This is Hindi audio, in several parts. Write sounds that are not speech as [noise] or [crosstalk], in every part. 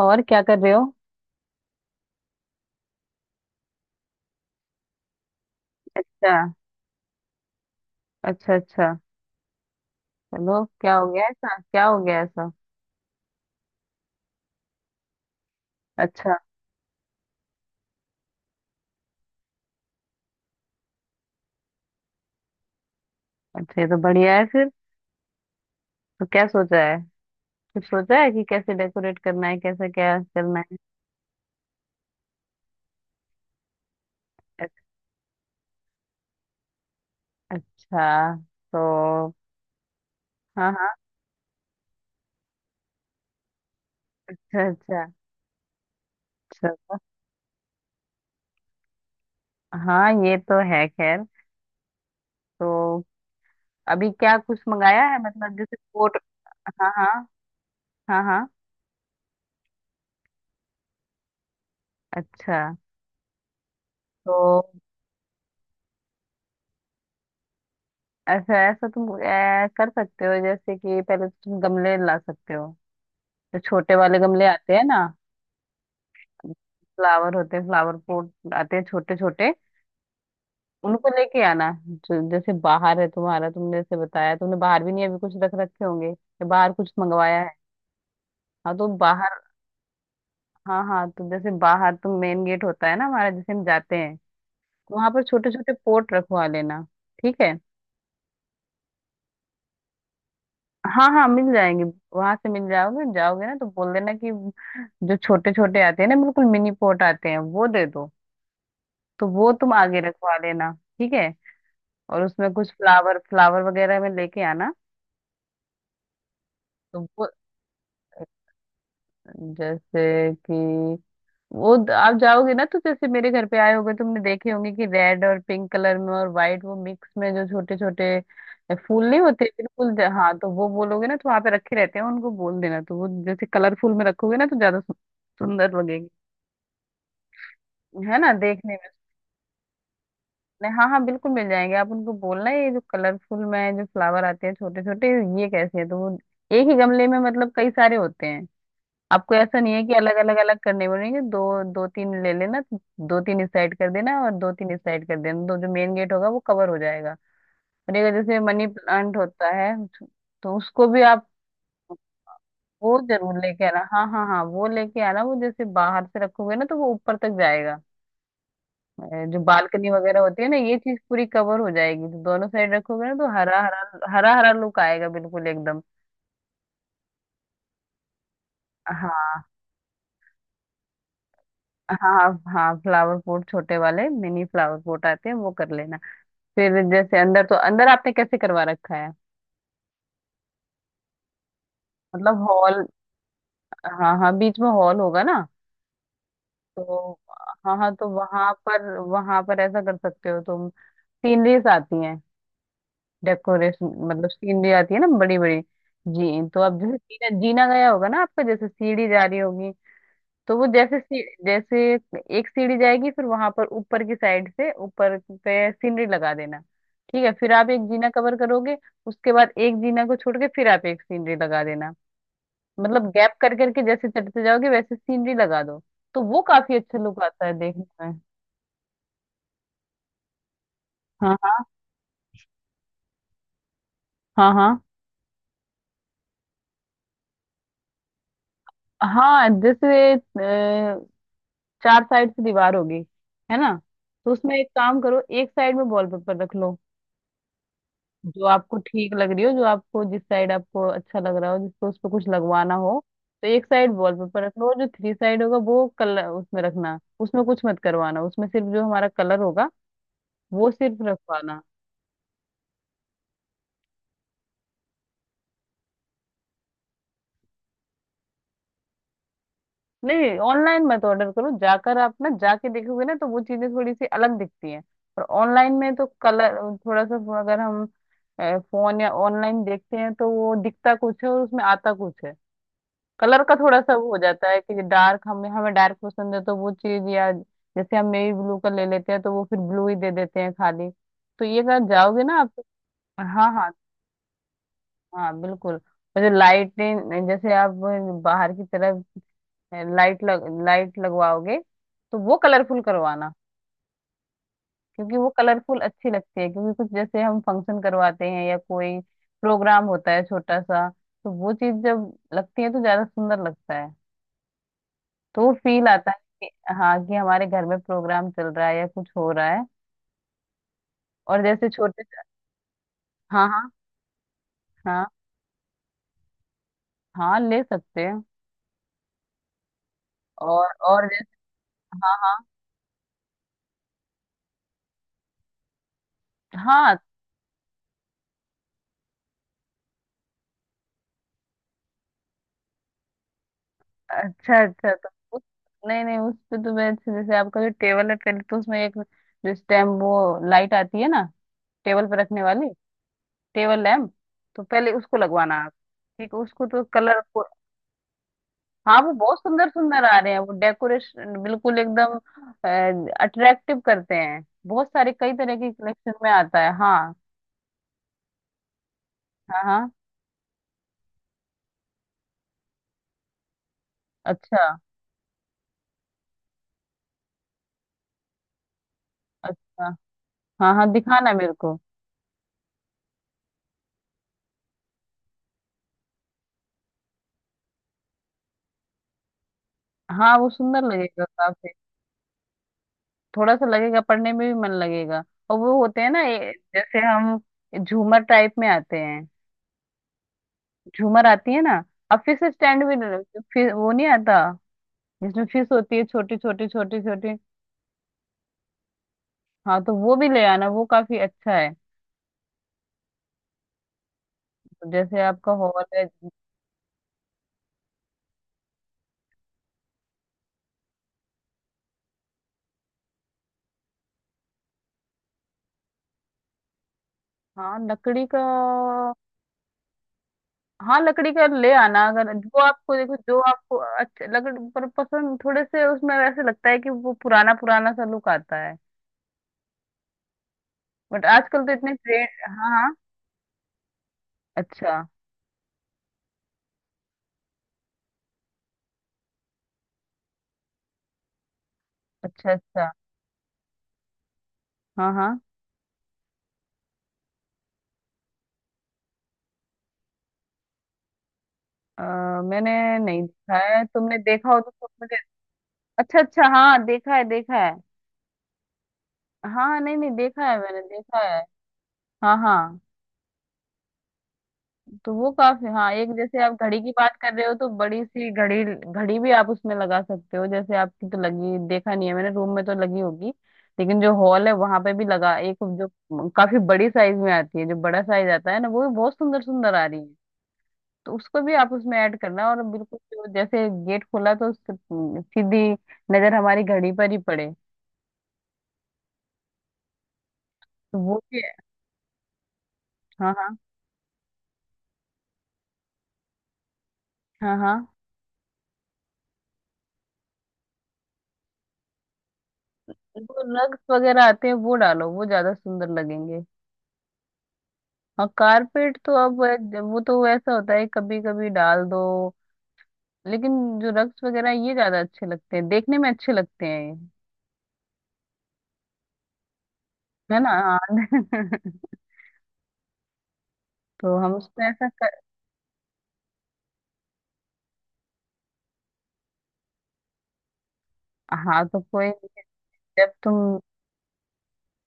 और क्या कर रहे हो। अच्छा। अच्छा अच्छा। चलो, क्या हो गया ऐसा, क्या हो गया ऐसा। अच्छा, अच्छा ये तो बढ़िया है फिर। तो क्या सोचा है? कुछ सोचा है कि कैसे डेकोरेट करना है, कैसे क्या करना है? अच्छा। अच्छा। तो हाँ हाँ। अच्छा अच्छा। अच्छा। हाँ ये तो है खैर। तो अभी क्या कुछ मंगाया है, मतलब जैसे कोट। हाँ हाँ। हाँ हाँ। अच्छा। तो ऐसा ऐसा तुम कर सकते हो, जैसे कि पहले तो तुम गमले ला सकते हो। जो छोटे वाले गमले आते हैं ना, फ्लावर होते हैं, फ्लावर पॉट आते हैं छोटे छोटे। उनको लेके आना। जो जैसे बाहर है तुम्हारा, तुमने जैसे बताया, तुमने बाहर भी नहीं अभी कुछ रख रखे होंगे, या बाहर कुछ मंगवाया है? हाँ तो बाहर, हाँ हाँ, तो जैसे बाहर तो मेन गेट होता है ना हमारा, जैसे हम जाते हैं, वहां पर छोटे छोटे पोट रखवा लेना। ठीक है। हाँ हाँ मिल जाएंगे। वहां से मिल जाओगे, जाओगे ना तो बोल देना कि जो छोटे छोटे आते हैं ना, बिल्कुल मिनी पोट आते हैं, वो दे दो। तो वो तुम आगे रखवा लेना। ठीक है। और उसमें कुछ फ्लावर फ्लावर वगैरह में लेके आना। तो वो जैसे कि वो आप जाओगे ना तो जैसे मेरे घर पे आए होगे, तुमने देखे होंगे कि रेड और पिंक कलर में और व्हाइट, वो मिक्स में जो छोटे छोटे फूल नहीं होते, बिल्कुल हाँ, तो वो बोलोगे ना तो वहां पे रखे रहते हैं, उनको बोल देना। तो वो जैसे कलरफुल में रखोगे ना, तो ज्यादा सुंदर लगेगी, है ना देखने में। हाँ हाँ बिल्कुल मिल जाएंगे। आप उनको बोलना, ये जो कलरफुल में जो फ्लावर आते हैं छोटे छोटे, ये कैसे हैं? तो वो एक ही गमले में मतलब कई सारे होते हैं। आपको ऐसा नहीं है कि अलग अलग अलग करने पड़ेंगे। दो, दो तीन ले लेना। दो तीन इस साइड कर देना और दो तीन इस साइड कर देना, तो जो मेन गेट होगा वो कवर हो जाएगा। और एक जैसे मनी प्लांट होता है, तो उसको भी आप वो जरूर लेके आना। हाँ हाँ हाँ, वो लेके आना। वो जैसे बाहर से रखोगे ना, तो वो ऊपर तक जाएगा। जो बालकनी वगैरह होती है ना, ये चीज पूरी कवर हो जाएगी। तो दोनों साइड रखोगे ना, तो हरा हरा, हरा हरा लुक आएगा बिल्कुल एकदम। हाँ हाँ हाँ। फ्लावर पॉट छोटे वाले, मिनी फ्लावर पॉट आते हैं, वो कर लेना। फिर जैसे अंदर, तो अंदर आपने कैसे करवा रखा है? मतलब हॉल, हाँ हाँ बीच में हॉल होगा ना। तो हाँ हाँ, तो वहां पर, वहां पर ऐसा कर सकते हो तुम। सीनरीज आती हैं, डेकोरेशन, मतलब सीनरी आती है ना बड़ी बड़ी। जी, तो अब जैसे जीना जीना गया होगा ना आपका, जैसे सीढ़ी जा रही होगी। तो वो जैसे जैसे एक सीढ़ी जाएगी, फिर वहां पर ऊपर की साइड से ऊपर पे सीनरी लगा देना। ठीक है, फिर आप एक जीना कवर करोगे। उसके बाद एक जीना को छोड़ के फिर आप एक सीनरी लगा देना। मतलब गैप कर करके जैसे चढ़ते जाओगे वैसे सीनरी लगा दो। तो वो काफी अच्छा लुक आता है देखने में। हाँ हाँ। हाँ हाँ। हाँ जैसे चार साइड से दीवार होगी है ना, तो उसमें एक काम करो, एक साइड में वॉलपेपर रख लो। जो आपको ठीक लग रही हो, जो आपको जिस साइड आपको अच्छा लग रहा हो, जिसको उस पर कुछ लगवाना हो, तो एक साइड वॉलपेपर रख लो। और जो थ्री साइड होगा वो कलर उसमें रखना, उसमें कुछ मत करवाना, उसमें सिर्फ जो हमारा कलर होगा वो सिर्फ रखवाना। नहीं, ऑनलाइन मत ऑर्डर करो। जाकर, आप ना जाके देखोगे ना, तो वो चीजें थोड़ी सी अलग दिखती हैं। और ऑनलाइन में तो कलर, थोड़ा सा अगर हम फोन या ऑनलाइन देखते हैं तो वो दिखता कुछ है और उसमें आता कुछ है। कलर का थोड़ा सा वो हो जाता है कि डार्क, हमें हमें डार्क पसंद है तो वो चीज, या जैसे हम नेवी ब्लू का ले लेते हैं तो वो फिर ब्लू ही दे देते हैं खाली। तो ये अगर जाओगे ना आप, हाँ हाँ हाँ बिल्कुल। और जो लाइटें जैसे आप बाहर की तरफ लाइट लग, लाइट लगवाओगे, तो वो कलरफुल करवाना। क्योंकि वो कलरफुल अच्छी लगती है, क्योंकि कुछ जैसे हम फंक्शन करवाते हैं या कोई प्रोग्राम होता है छोटा सा, तो वो चीज जब लगती है तो ज्यादा सुंदर लगता है। तो वो फील आता है कि हाँ कि हमारे घर में प्रोग्राम चल रहा है या कुछ हो रहा है। और जैसे छोटे, हाँ हाँ। हाँ हाँ ले सकते हैं। और जैसे हाँ हाँ हाँ, अच्छा अच्छा। तो उस, नहीं नहीं उस पे तो मैं जैसे आपका जो टेबल है, पहले तो उसमें एक जो स्टैम्प, वो लाइट आती है ना टेबल पे रखने वाली, टेबल लैम्प, तो पहले उसको लगवाना आप। ठीक है, उसको तो कलर को, हाँ वो बहुत सुंदर सुंदर आ रहे हैं, वो डेकोरेशन बिल्कुल एकदम अट्रैक्टिव करते हैं। बहुत सारे कई तरह की कलेक्शन में आता है हाँ। हाँ हाँ। अच्छा। अच्छा, हाँ हाँ दिखाना मेरे को। हाँ वो सुंदर लगेगा काफी, थोड़ा सा लगेगा, पढ़ने में भी मन लगेगा। और वो होते हैं ना जैसे हम झूमर टाइप में आते हैं, झूमर आती है ना। अब फिश स्टैंड भी फिर वो नहीं आता जिसमें फिश होती है छोटी छोटी, छोटी छोटी। हाँ तो वो भी ले आना, वो काफी अच्छा है। तो जैसे आपका हॉल है, हाँ लकड़ी का। हाँ लकड़ी का ले आना। अगर जो आपको देखो, जो आपको अच्छा लकड़ी पर पसंद, थोड़े से उसमें वैसे लगता है कि वो पुराना पुराना सा लुक आता है, बट आजकल तो इतने ट्रेंड। हाँ हाँ। अच्छा अच्छा। अच्छा। हाँ हाँ। अ, मैंने नहीं देखा है, तुमने देखा हो तो तुम मुझे। अच्छा अच्छा, हाँ देखा है देखा है। हाँ नहीं नहीं देखा है, मैंने देखा है। हाँ हाँ, तो वो काफी, हाँ एक जैसे आप घड़ी की बात कर रहे हो तो बड़ी सी घड़ी, घड़ी भी आप उसमें लगा सकते हो। जैसे आपकी तो लगी, देखा नहीं है मैंने, रूम में तो लगी होगी। लेकिन जो हॉल है, वहां पे भी लगा, एक जो काफी बड़ी साइज में आती है, जो बड़ा साइज आता है ना, वो भी बहुत सुंदर सुंदर आ रही है। तो उसको भी आप उसमें ऐड करना। और बिल्कुल जो जैसे गेट खोला, तो उससे, सीधी नजर हमारी घड़ी पर ही पड़े। तो वो भी हाँ हाँ। हाँ हाँ। वो रग्स वगैरह आते हैं, वो डालो, वो ज्यादा सुंदर लगेंगे। और कारपेट तो अब वो तो ऐसा होता है, कभी कभी डाल दो, लेकिन जो रग्स वगैरह ये ज्यादा अच्छे लगते हैं देखने में, अच्छे लगते हैं। ये है ना हाँ [laughs] तो हम उसमें ऐसा कर, हाँ तो कोई नहीं है। जब तुम,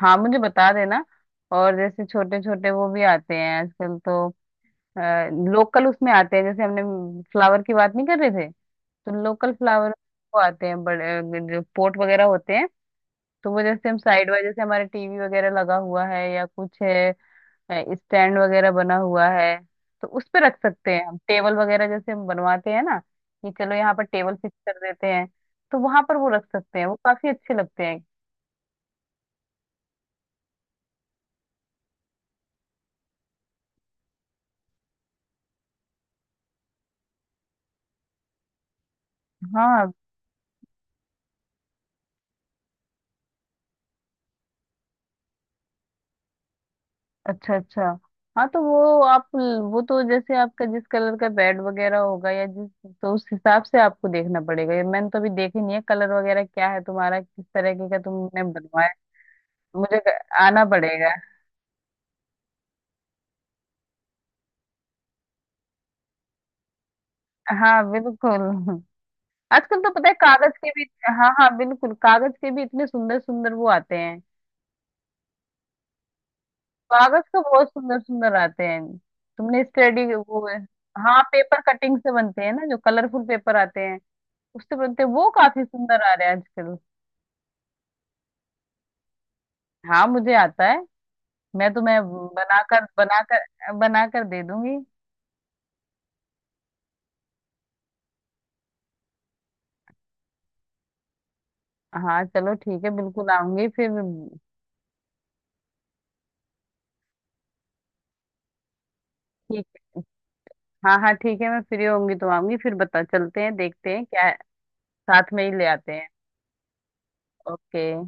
हाँ मुझे बता देना। और जैसे छोटे छोटे वो भी आते हैं आजकल तो, लोकल उसमें आते हैं, जैसे हमने फ्लावर की बात नहीं कर रहे थे, तो लोकल फ्लावर वो आते हैं बड़े, जो पोट वगैरह होते हैं, तो वो जैसे हम साइड वाइज जैसे हमारे टीवी वगैरह लगा हुआ है या कुछ है, स्टैंड वगैरह बना हुआ है, तो उस पे रख सकते हैं। हम टेबल वगैरह जैसे हम बनवाते हैं ना, कि चलो यहाँ पर टेबल फिक्स कर देते हैं, तो वहां पर वो रख सकते हैं, वो काफी अच्छे लगते हैं। हाँ। अच्छा अच्छा। हाँ तो वो आप, वो तो जैसे आपका जिस कलर का बेड वगैरह होगा या जिस, तो उस हिसाब से आपको देखना पड़ेगा। ये मैंने तो अभी देखी नहीं है कलर वगैरह क्या है तुम्हारा, किस तरीके का तुमने बनवाया। मुझे आना पड़ेगा। हाँ बिल्कुल। आजकल तो पता है कागज के भी, हाँ हाँ बिल्कुल, कागज के भी इतने सुंदर सुंदर वो आते हैं। कागज का बहुत सुंदर सुंदर आते हैं। तुमने स्टडी वो, हाँ पेपर कटिंग से बनते हैं ना, जो कलरफुल पेपर आते हैं उससे बनते हैं, वो काफी सुंदर आ रहे हैं आजकल। हाँ मुझे आता है, मैं तुम्हें बनाकर बनाकर बनाकर दे दूंगी। हाँ चलो ठीक है, बिल्कुल आऊंगी फिर। ठीक है, हाँ हाँ ठीक है, मैं फ्री होंगी तो आऊंगी फिर, बता चलते हैं, देखते हैं क्या है, साथ में ही ले आते हैं। ओके।